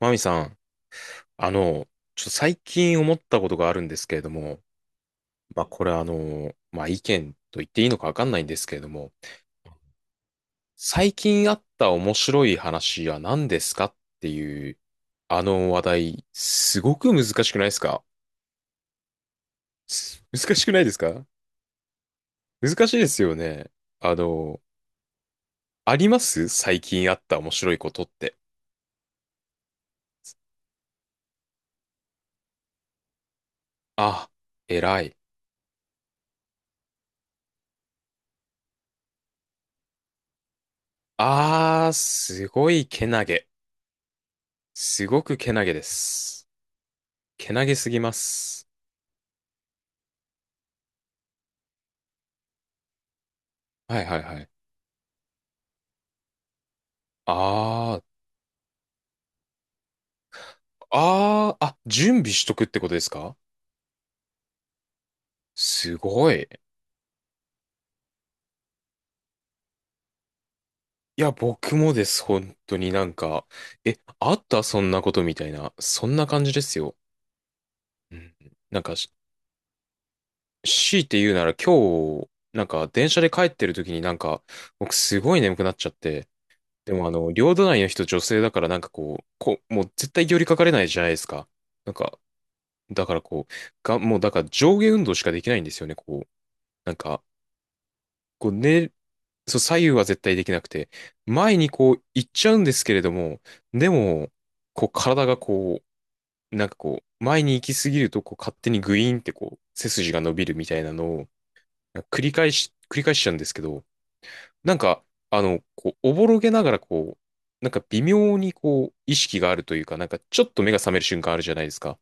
マミさん、あの、ちょっと最近思ったことがあるんですけれども、これまあ意見と言っていいのかわかんないんですけれども、最近あった面白い話は何ですかっていう、あの話題、すごく難しくないですか？難しくないですか？難しいですよね。あの、あります？最近あった面白いことって。あ、偉い。あー、すごいけなげ。すごくけなげです。けなげすぎます。はいはいはい。ああ、ああ、あ、準備しとくってことですか？すごい。いや、僕もです、本当にえ、あったそんなことみたいな、そんな感じですよ。うん。なんか、し強いて言うなら今日、電車で帰ってる時に僕すごい眠くなっちゃって、でも両隣の人女性だからなんかこう、こう、もう絶対寄りかかれないじゃないですか。なんか、だからこう、が、もうだから上下運動しかできないんですよね、こう。なんか、こう寝、そう、左右は絶対できなくて、前にこう行っちゃうんですけれども、でも、こう体がこう、なんかこう、前に行き過ぎるとこう勝手にグイーンってこう、背筋が伸びるみたいなのを繰り返しちゃうんですけど、なんか、こう、おぼろげながらこう、なんか微妙にこう、意識があるというか、なんかちょっと目が覚める瞬間あるじゃないですか。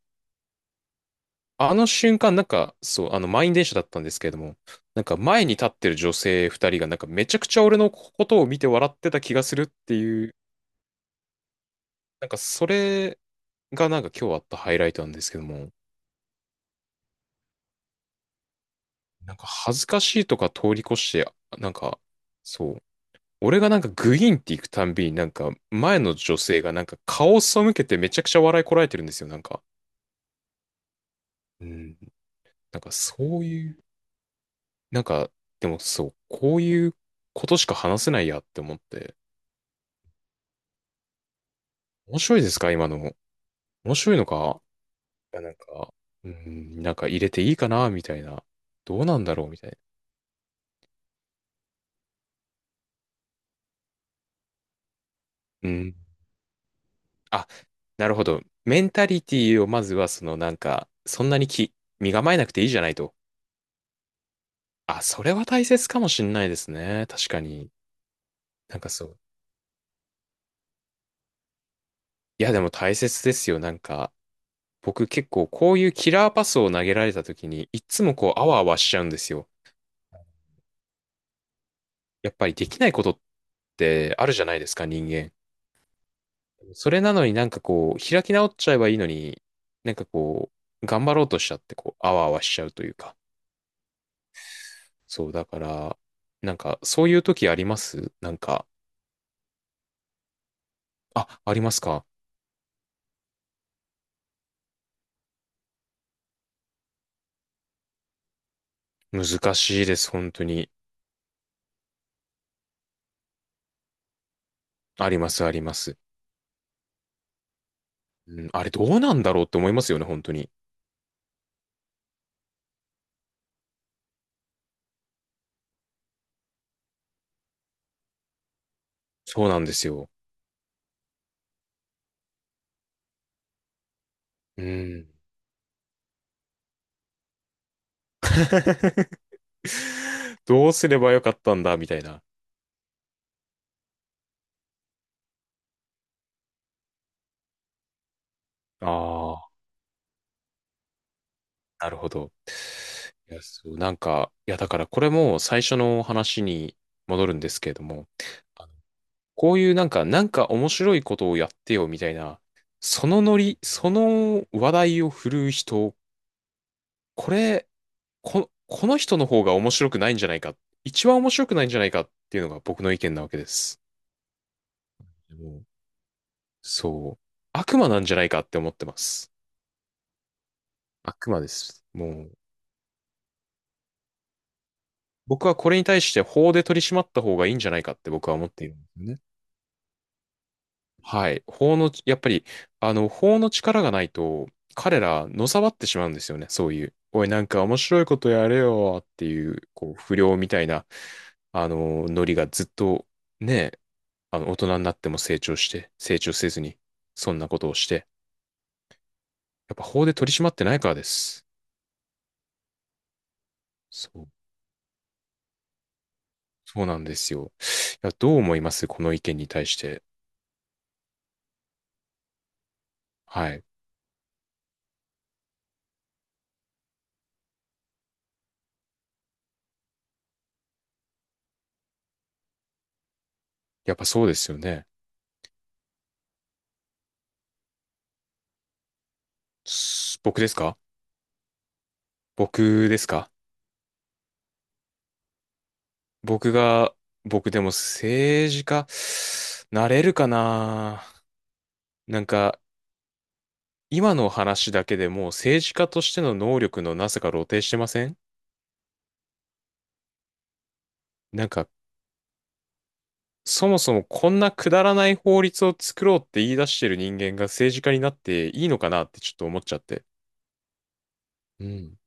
あの瞬間、満員電車だったんですけれども、なんか前に立ってる女性二人が、なんかめちゃくちゃ俺のことを見て笑ってた気がするっていう、なんかそれがなんか今日あったハイライトなんですけども、なんか恥ずかしいとか通り越して、なんか、そう、俺がなんかグイーンって行くたんびに、なんか前の女性がなんか顔を背けてめちゃくちゃ笑いこらえてるんですよ、なんか。うん、なんかそういう、なんか、でもそう、こういうことしか話せないやって思って、面白いですか今の？面白いのか？いや、なんか、うん、なんか入れていいかなみたいな。どうなんだろうみたいな。うん。あ、なるほど。メンタリティをまずは、そのなんか、そんなにき、身構えなくていいじゃないと。あ、それは大切かもしんないですね。確かに。なんかそう。いや、でも大切ですよ。なんか、僕結構こういうキラーパスを投げられた時に、いっつもこう、あわあわしちゃうんですよ。やっぱりできないことってあるじゃないですか、人間。それなのになんかこう、開き直っちゃえばいいのに、なんかこ頑張ろうとしちゃって、こう、あわあわしちゃうというか。そう、だから、なんか、そういう時ありますなんか、あ、ありますか？難しいです、本当に。あります、あります。うん、あれどうなんだろうって思いますよね、本当に。そうなんですよ。うん。どうすればよかったんだ、みたいな。ああ。なるほど。だからこれも最初の話に戻るんですけれども、あのこういうなんか面白いことをやってよみたいな、そのノリ、その話題を振るう人、これ、こ、この人の方が面白くないんじゃないか、一番面白くないんじゃないかっていうのが僕の意見なわけです。でも、そう。悪魔なんじゃないかって思ってます。悪魔です。もう、僕はこれに対して法で取り締まった方がいいんじゃないかって僕は思っている。ね？はい。法の、やっぱり、あの、法の力がないと、彼ら、のさばってしまうんですよね。そういう、おい、なんか面白いことやれよっていう、こう、不良みたいな、あの、ノリがずっと、ね、あの、大人になっても成長せずに、そんなことをして、やっぱ法で取り締まってないからです。そう、そうなんですよ。いや、どう思いますこの意見に対して。はい。やっぱそうですよね。僕ですか？僕ですか？僕が、僕でも政治家、なれるかな？なんか、今の話だけでもう政治家としての能力のなさが露呈してません？なんか、そもそもこんなくだらない法律を作ろうって言い出してる人間が政治家になっていいのかなってちょっと思っちゃって。うん。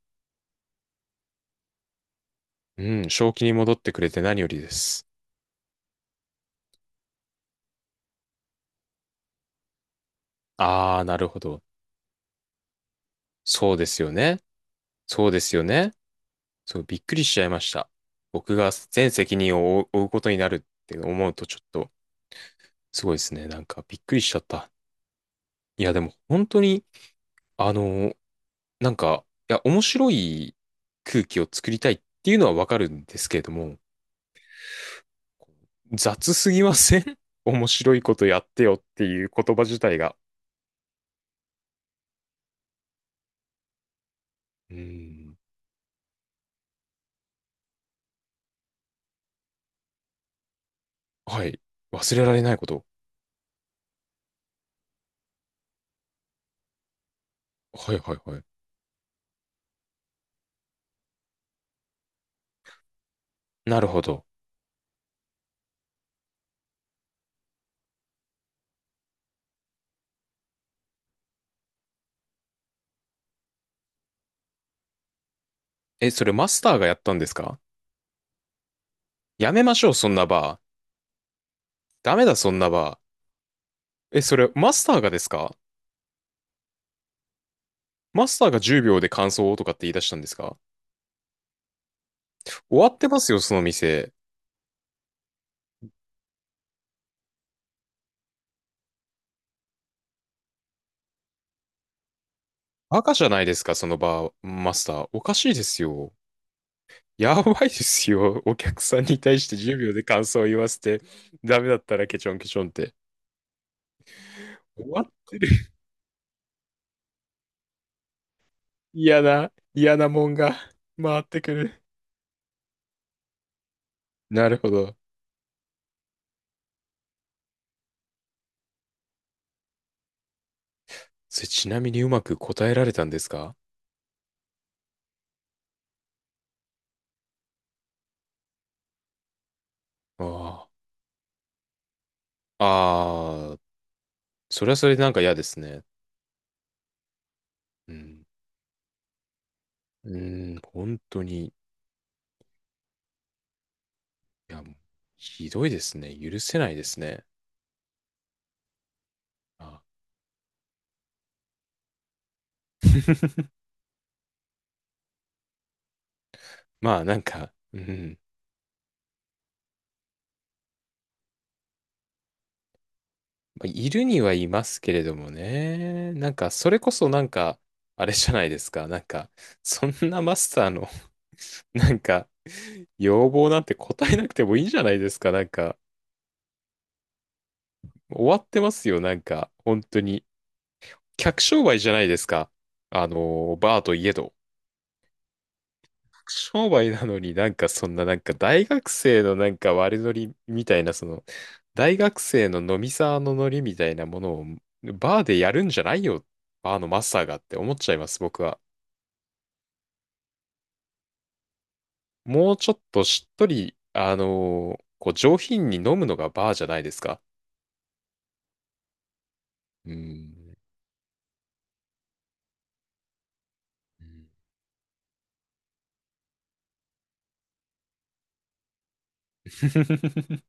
うん、正気に戻ってくれて何よりです。あー、なるほど。そうですよね。そうですよね。そう、びっくりしちゃいました。僕が全責任を負うことになるって思うとちょっとすごいですね。なんかびっくりしちゃった。いや、でも本当に、あの、面白い空気を作りたいっていうのはわかるんですけれども、雑すぎません？ 面白いことやってよっていう言葉自体が。うーん。はい。忘れられないこと。はいはいはい。なるほど。え、それマスターがやったんですか？やめましょう、そんなバー。ダメだ、そんなバー。え、それマスターがですか？マスターが10秒で感想をとかって言い出したんですか？終わってますよ、その店。赤じゃないですか、そのバーマスター。おかしいですよ。やばいですよ。お客さんに対して10秒で感想を言わせて、ダメだったらケチョンケチョンって。終わってる。嫌な、嫌なもんが回ってくる。なるほど。それちなみにうまく答えられたんですか？ああ。ああ、それはそれでなんか嫌ですね。うん。うん、本当に。いや、もうひどいですね。許せないですね。あー まあなんか、うん。まあいるにはいますけれどもね。なんか、それこそなんか、あれじゃないですか。なんか、そんなマスターの、なんか、要望なんて答えなくてもいいじゃないですか。なんか、終わってますよ。なんか、本当に。客商売じゃないですか。あの、バーといえど。客商売なのになんか、そんななんか、大学生のなんか悪ノリみたいな、その、大学生の飲み沢のノリみたいなものを、バーでやるんじゃないよ。バーのマスターがって思っちゃいます、僕は。もうちょっとしっとり、あのーこう上品に飲むのがバーじゃないですか。うん。うん